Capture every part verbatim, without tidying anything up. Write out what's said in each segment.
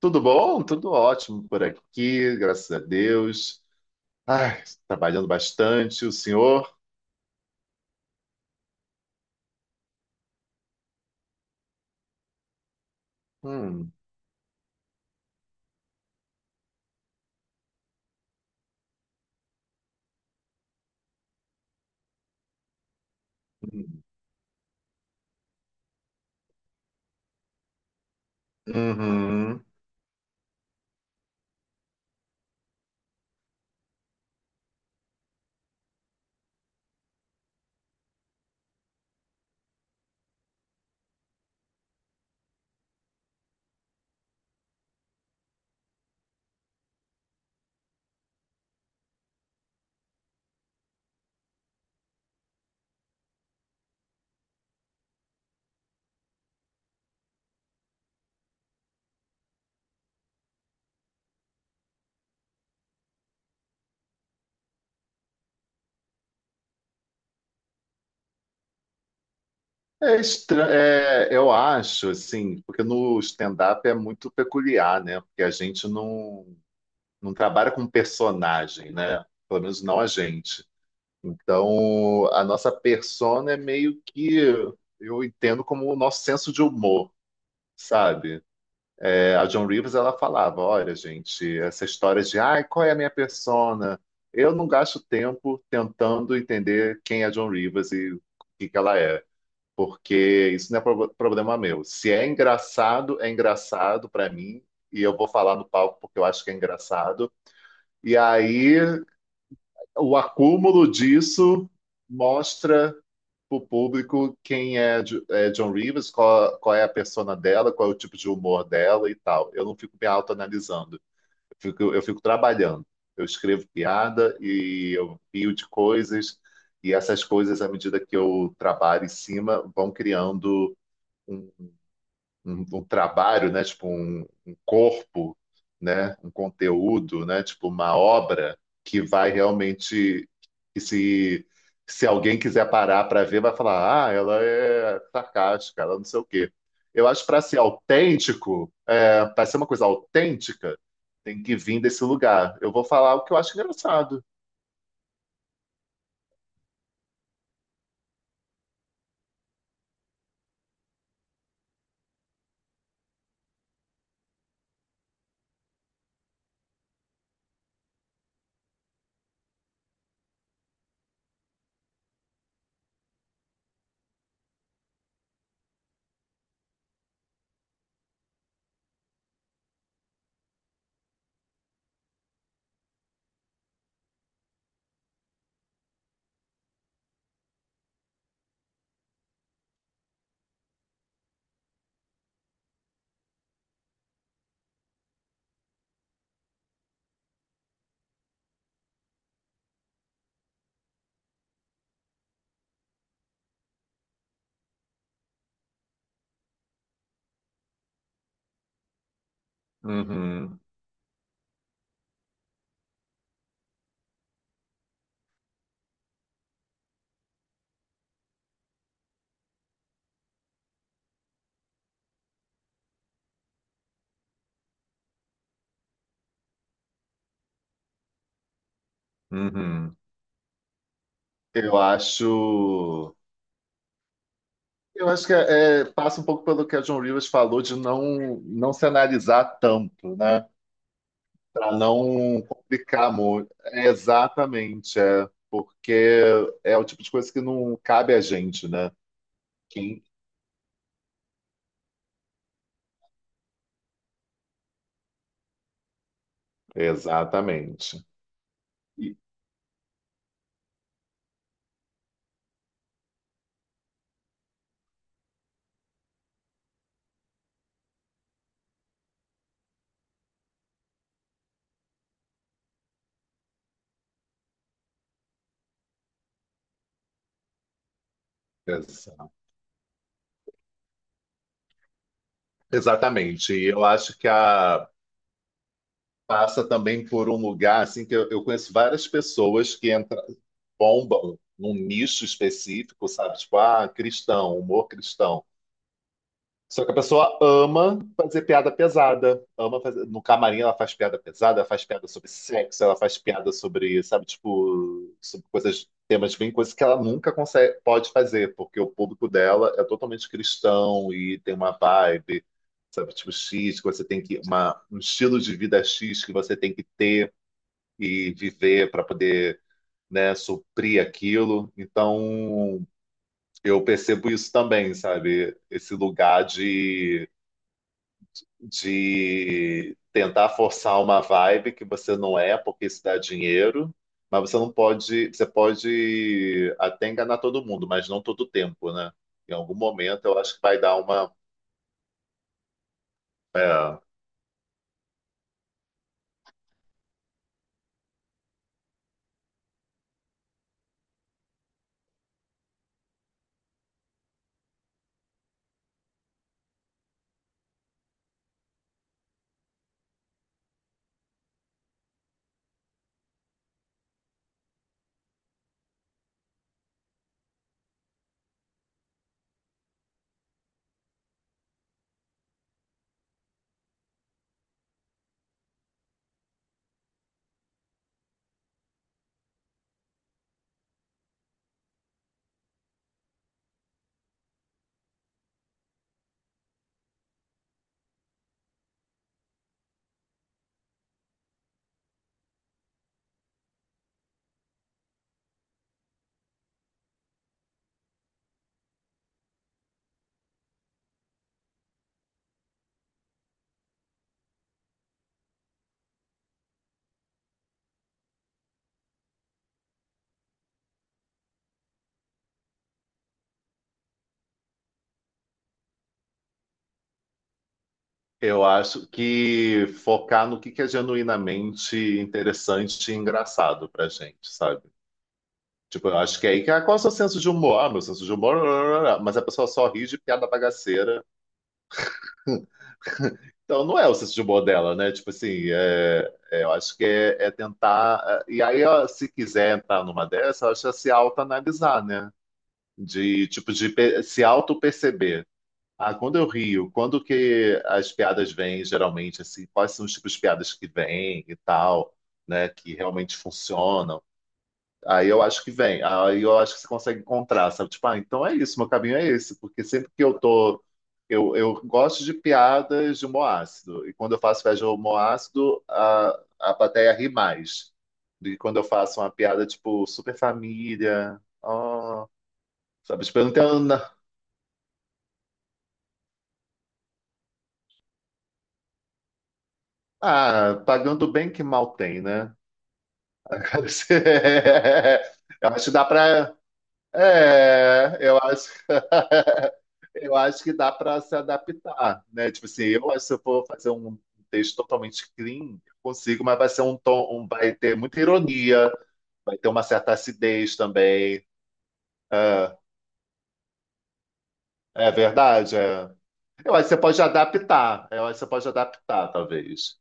Tudo bom? Tudo ótimo por aqui, graças a Deus. Ai, trabalhando bastante, o senhor? Hum. Hum. Uhum. É estra- é, eu acho, assim, porque no stand-up é muito peculiar, né? Porque a gente não, não trabalha com personagem, né? Pelo menos não a gente. Então, a nossa persona é meio que, eu entendo como o nosso senso de humor, sabe? É, a Joan Rivers ela falava, olha, gente, essa história de, ai, qual é a minha persona? Eu não gasto tempo tentando entender quem é a Joan Rivers e o que que ela é, porque isso não é pro- problema meu. Se é engraçado, é engraçado para mim e eu vou falar no palco porque eu acho que é engraçado. E aí o acúmulo disso mostra para o público quem é, Jo- é John Rivers, qual, qual é a persona dela, qual é o tipo de humor dela e tal. Eu não fico me autoanalisando. Fico- eu fico trabalhando. Eu escrevo piada e eu pio de coisas, e essas coisas, à medida que eu trabalho em cima, vão criando um, um, um trabalho, né? Tipo um, um corpo, né? Um conteúdo, né? Tipo uma obra que vai realmente que se se alguém quiser parar para ver, vai falar, ah, ela é sarcástica, ela não sei o quê. Eu acho que para ser autêntico, é, para ser uma coisa autêntica, tem que vir desse lugar. Eu vou falar o que eu acho engraçado. Uhum. Uhum. Eu acho. Eu acho que é, é, passa um pouco pelo que a John Rivers falou de não, não se analisar tanto, né? Para não complicar muito. É, exatamente, é, porque é o tipo de coisa que não cabe a gente, né? Quem? Exatamente. E- exa- Exatamente. E eu acho que a passa também por um lugar assim que eu, eu conheço várias pessoas que entra, bombam num nicho específico, sabe? Tipo, ah, cristão, humor cristão. Só que a pessoa ama fazer piada pesada. Ama fazer... No camarim ela faz piada pesada, ela faz piada sobre sexo, ela faz piada sobre, sabe, tipo, sobre coisas, temas bem, coisas que ela nunca consegue, pode fazer, porque o público dela é totalmente cristão e tem uma vibe, sabe, tipo, X, que você tem que, uma, um estilo de vida X que você tem que ter e viver para poder, né, suprir aquilo. Então, eu percebo isso também, sabe? Esse lugar de de tentar forçar uma vibe que você não é, porque isso dá dinheiro, mas você não pode, você pode até enganar todo mundo, mas não todo o tempo, né? Em algum momento eu acho que vai dar uma. É, eu acho que focar no que que é genuinamente interessante e engraçado pra gente, sabe? Tipo, eu acho que é aí que. Ah, qual é o seu senso de humor? Ah, meu senso de humor. Mas a pessoa só ri de piada bagaceira. Então, não é o senso de humor dela, né? Tipo assim, é- é, eu acho que é, é tentar. é, E aí, ó, se quiser entrar numa dessa, eu acho que é se autoanalisar, né? De, tipo, de pe- se auto-perceber. Ah, quando eu rio, quando que as piadas vêm, geralmente, assim, quais são os tipos de piadas que vêm e tal, né? Que realmente funcionam. Aí eu acho que vem, aí eu acho que você consegue encontrar, sabe? Tipo, ah, então é isso, meu caminho é esse, porque sempre que eu tô. Eu, eu gosto de piadas de humor ácido, e quando eu faço piada de humor ácido, a, a plateia ri mais do que quando eu faço uma piada tipo super família, ó, sabe? Tipo, eu não tenho. na- Ah, pagando bem que mal tem, né? Eu acho que dá pra. É, eu acho. Eu acho que dá para se adaptar, né? Tipo assim, eu acho que se eu for fazer um texto totalmente clean, eu consigo, mas vai ser um tom, um- vai ter muita ironia, vai ter uma certa acidez também. É, é verdade, é. Eu acho que você pode adaptar, eu acho que você pode adaptar, talvez.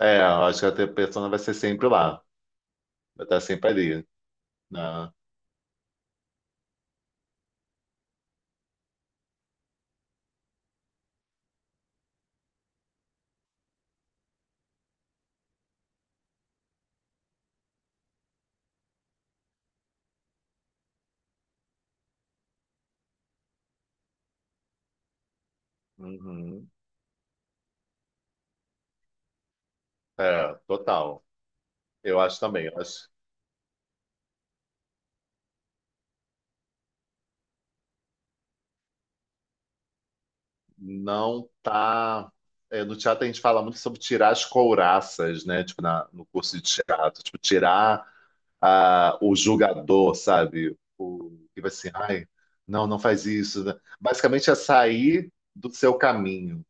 É, eu acho que a tua persona vai ser sempre lá, vai estar sempre ali, né? Uhum. É, total. Eu acho também, eu acho. Não tá. É, no teatro a gente fala muito sobre tirar as couraças, né? Tipo, na, no curso de teatro, tipo, tirar a, o julgador, sabe? O que vai assim, ai, não, não faz isso. Né? Basicamente é sair do seu caminho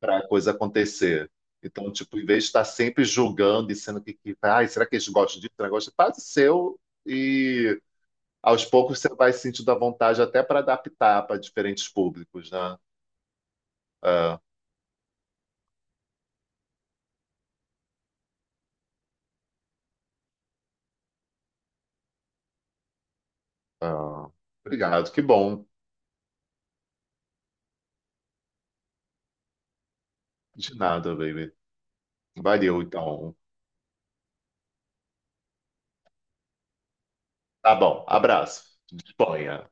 para a coisa acontecer. Então, tipo, em vez de estar sempre julgando e sendo que, que ai, será que eles gostam disso? Negócio que faz o seu e aos poucos você vai sentindo a vontade até para adaptar para diferentes públicos, né? Ah, Ah, obrigado, que bom. De nada, baby. Valeu, então. Tá bom, abraço. Disponha.